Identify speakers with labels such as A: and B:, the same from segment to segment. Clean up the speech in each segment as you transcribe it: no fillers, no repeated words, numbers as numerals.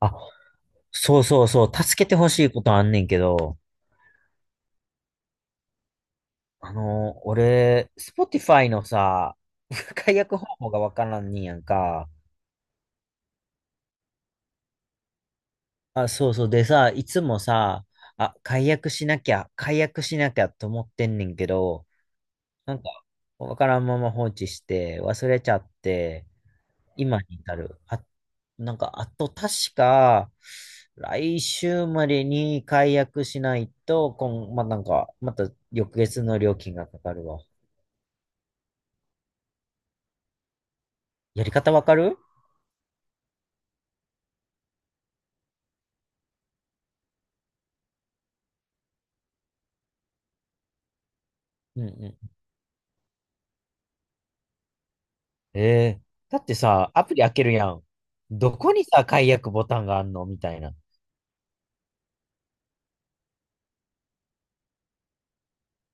A: あ、そうそうそう、助けてほしいことあんねんけど、俺、Spotify のさ、解約方法がわからんねんやんか。あ、そうそう。でさ、いつもさ、あ、解約しなきゃと思ってんねんけど、なんか、わからんまま放置して、忘れちゃって、今に至る。あと確か、来週までに解約しないと、こん、まあ、なんか、また翌月の料金がかかるわ。やり方わかる？うんうん。えー、だってさ、アプリ開けるやん。どこにさ、解約ボタンがあんのみたいな。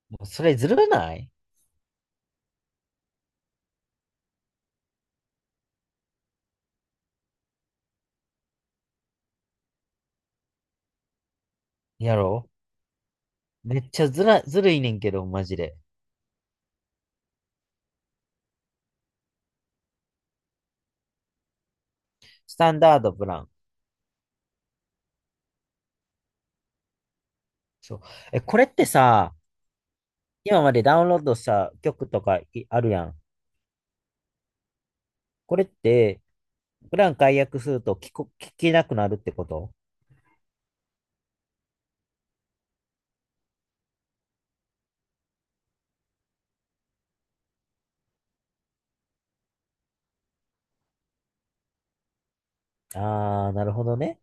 A: もうそれずるないやろ？めっちゃずら、ずるいねんけど、マジで。スタンダードプラン。そう。え、これってさ、今までダウンロードした曲とかいあるやん。これって、プラン解約すると聞けなくなるってこと？あー、なるほどね。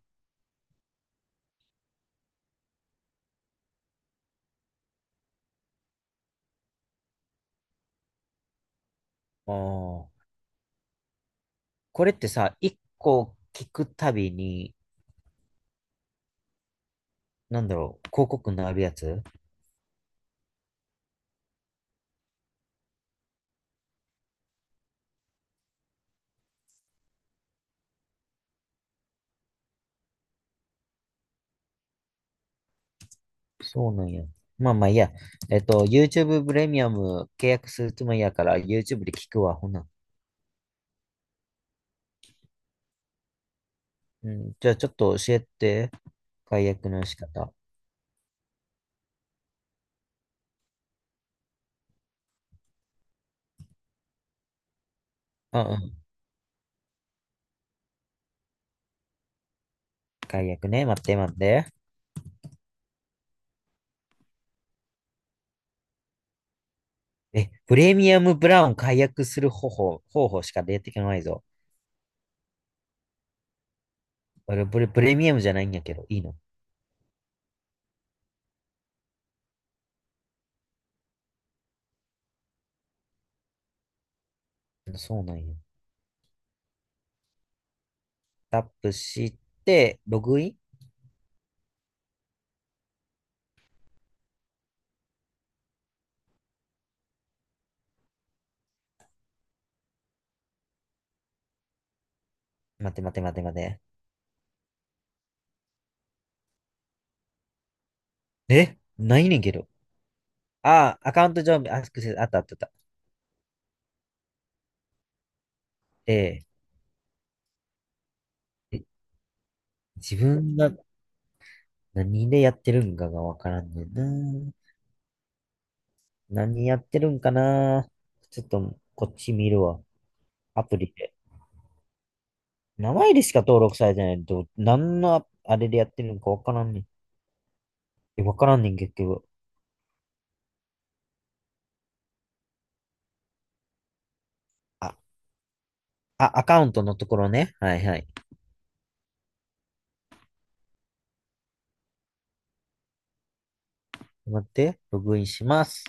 A: あー。これってさ、一個聞くたびに、なんだろう、広告になるやつ？そうなんや。まあまあいいや。えっと、YouTube プレミアム契約するつもりやから、YouTube で聞くわ、ほな。うん、じゃあちょっと教えて。解約の仕方。うんうん。解約ね。待って待って。え、プレミアムブラウン解約する方法、方法しか出てこないぞ。俺、プレミアムじゃないんやけど、いいの？そうなんや。タップして、ログイン。待って待って待って待って。えないねんけど。ああ、アカウント上、アクセス、あったあったあった。えええ自分が何でやってるんかがわからんねんな。何やってるんかな。ちょっと、こっち見るわ。アプリで。名前でしか登録されてないと、何のあれでやってるんかわからんねん。え、わからんねん、結局。あ、あ、アカウントのところね。はいはい。待って、ログインします。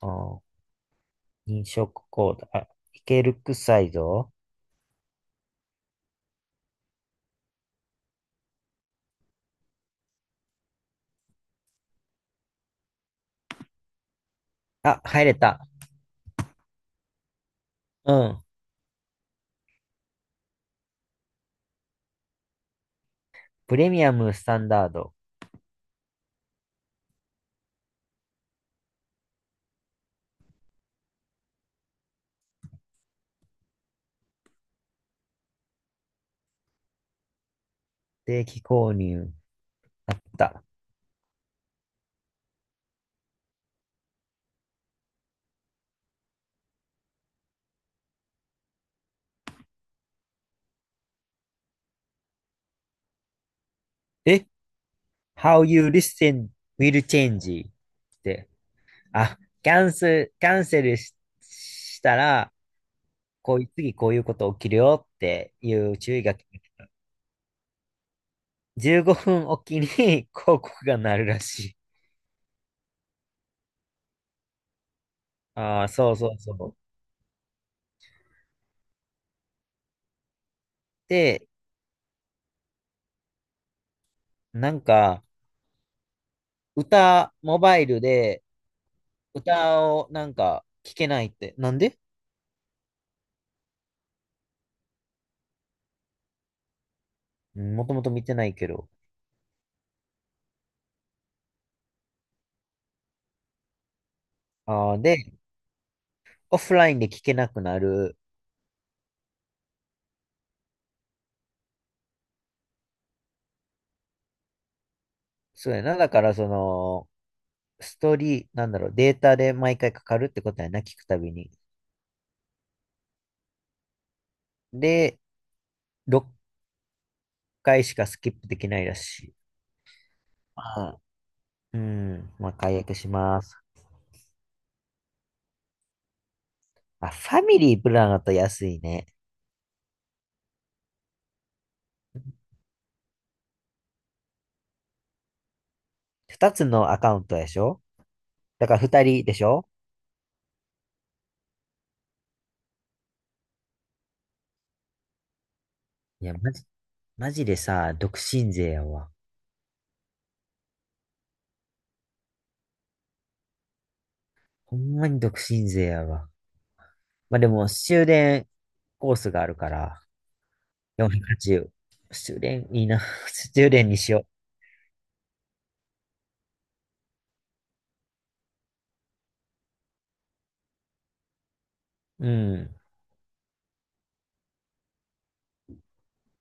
A: あー、認証コード。あ、いけるくさいぞ。あ、入れた。うん。プレミアムスタンダード。定期購入。だ。え How you listen will change って、あ、キャンセルし、したら、こういう、次こういうこと起きるよっていう注意が、15分おきに 広告が鳴るらしい。ああ、そうそうそう。で、なんか、モバイルで歌をなんか聞けないって、なんで？もともと見てないけど。ああ、で、オフラインで聞けなくなる。そうやな。だから、その、ストーリー、なんだろう、データで毎回かかるってことやな、聞くたびに。で、6回しかスキップできないらしい。あうん、まあ、解約します。まあ、ファミリープランだと安いね。2つのアカウントでしょ？だから2人でしょ？いや、マジ、マジでさ、独身税やわ。ほんまに独身税やわ。まあでも、終電コースがあるから、480。終電いいな。終電にしよう。うん。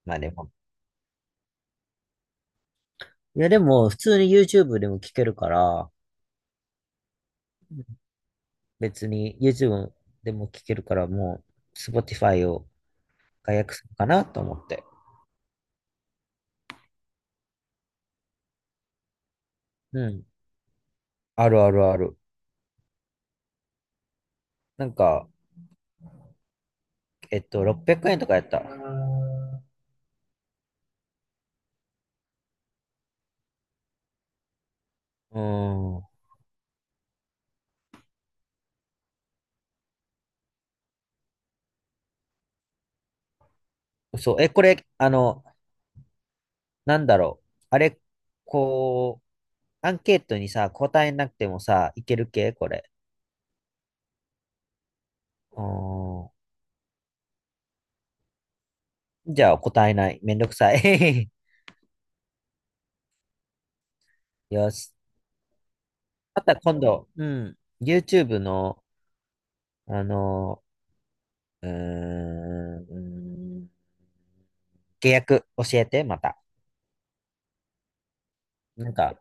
A: まあでも、いや、でも、普通に YouTube でも聞けるから、別に YouTube でも聞けるから、もう、Spotify を解約するかなと思って。うん。あるあるある。なんか、600円とかやった。うーん。そう。え、これ、あの、なんだろう。あれ、こう、アンケートにさ、答えなくてもさ、いける系これ？うーん。じゃあ、答えない。めんどくさい。よし。また今度、うん。YouTube の、あのうーん、契約教えて、また。なんか、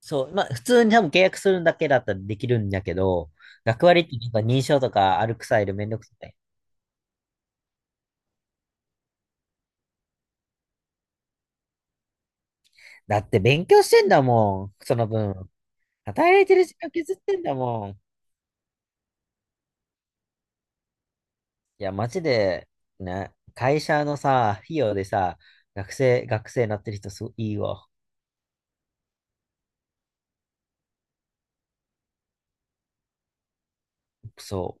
A: 普通に多分契約するだけだったらできるんだけど、学割ってなんか認証とかあるくさいでめんどくさい。だって勉強してんだもん、その分。働いてる時間削ってんだもん。いや、マジで、ね、会社のさ、費用でさ、学生なってる人すごいいいわ。そ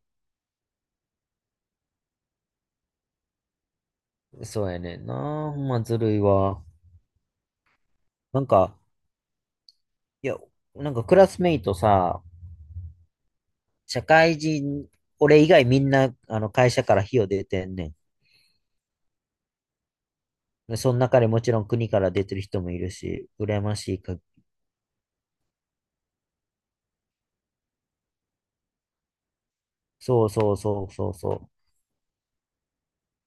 A: そうやねんな。ほんまずるいわ。なんか、いや、クラスメイトさ、社会人、俺以外みんな、あの、会社から費用出てんねん。その中でもちろん国から出てる人もいるし、羨ましいか。そうそうそうそうそう。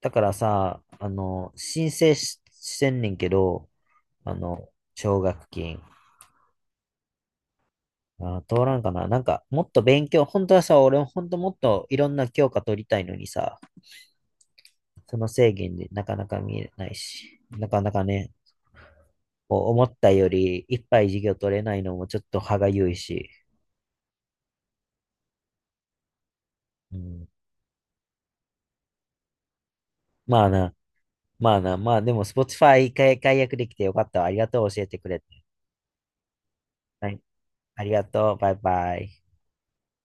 A: だからさ、あの、申請し、してんねんけど、あの、奨学金。あー、通らんかな。もっと勉強、本当はさ、俺本当もっといろんな教科取りたいのにさ、その制限でなかなか見えないし、なかなかね、こう思ったよりいっぱい授業取れないのもちょっと歯がゆいし、うん、まあな、まあな、まあでも Spotify 解約できてよかったわ。ありがとう、教えてくれて。はい、ありがとう、バイバイ。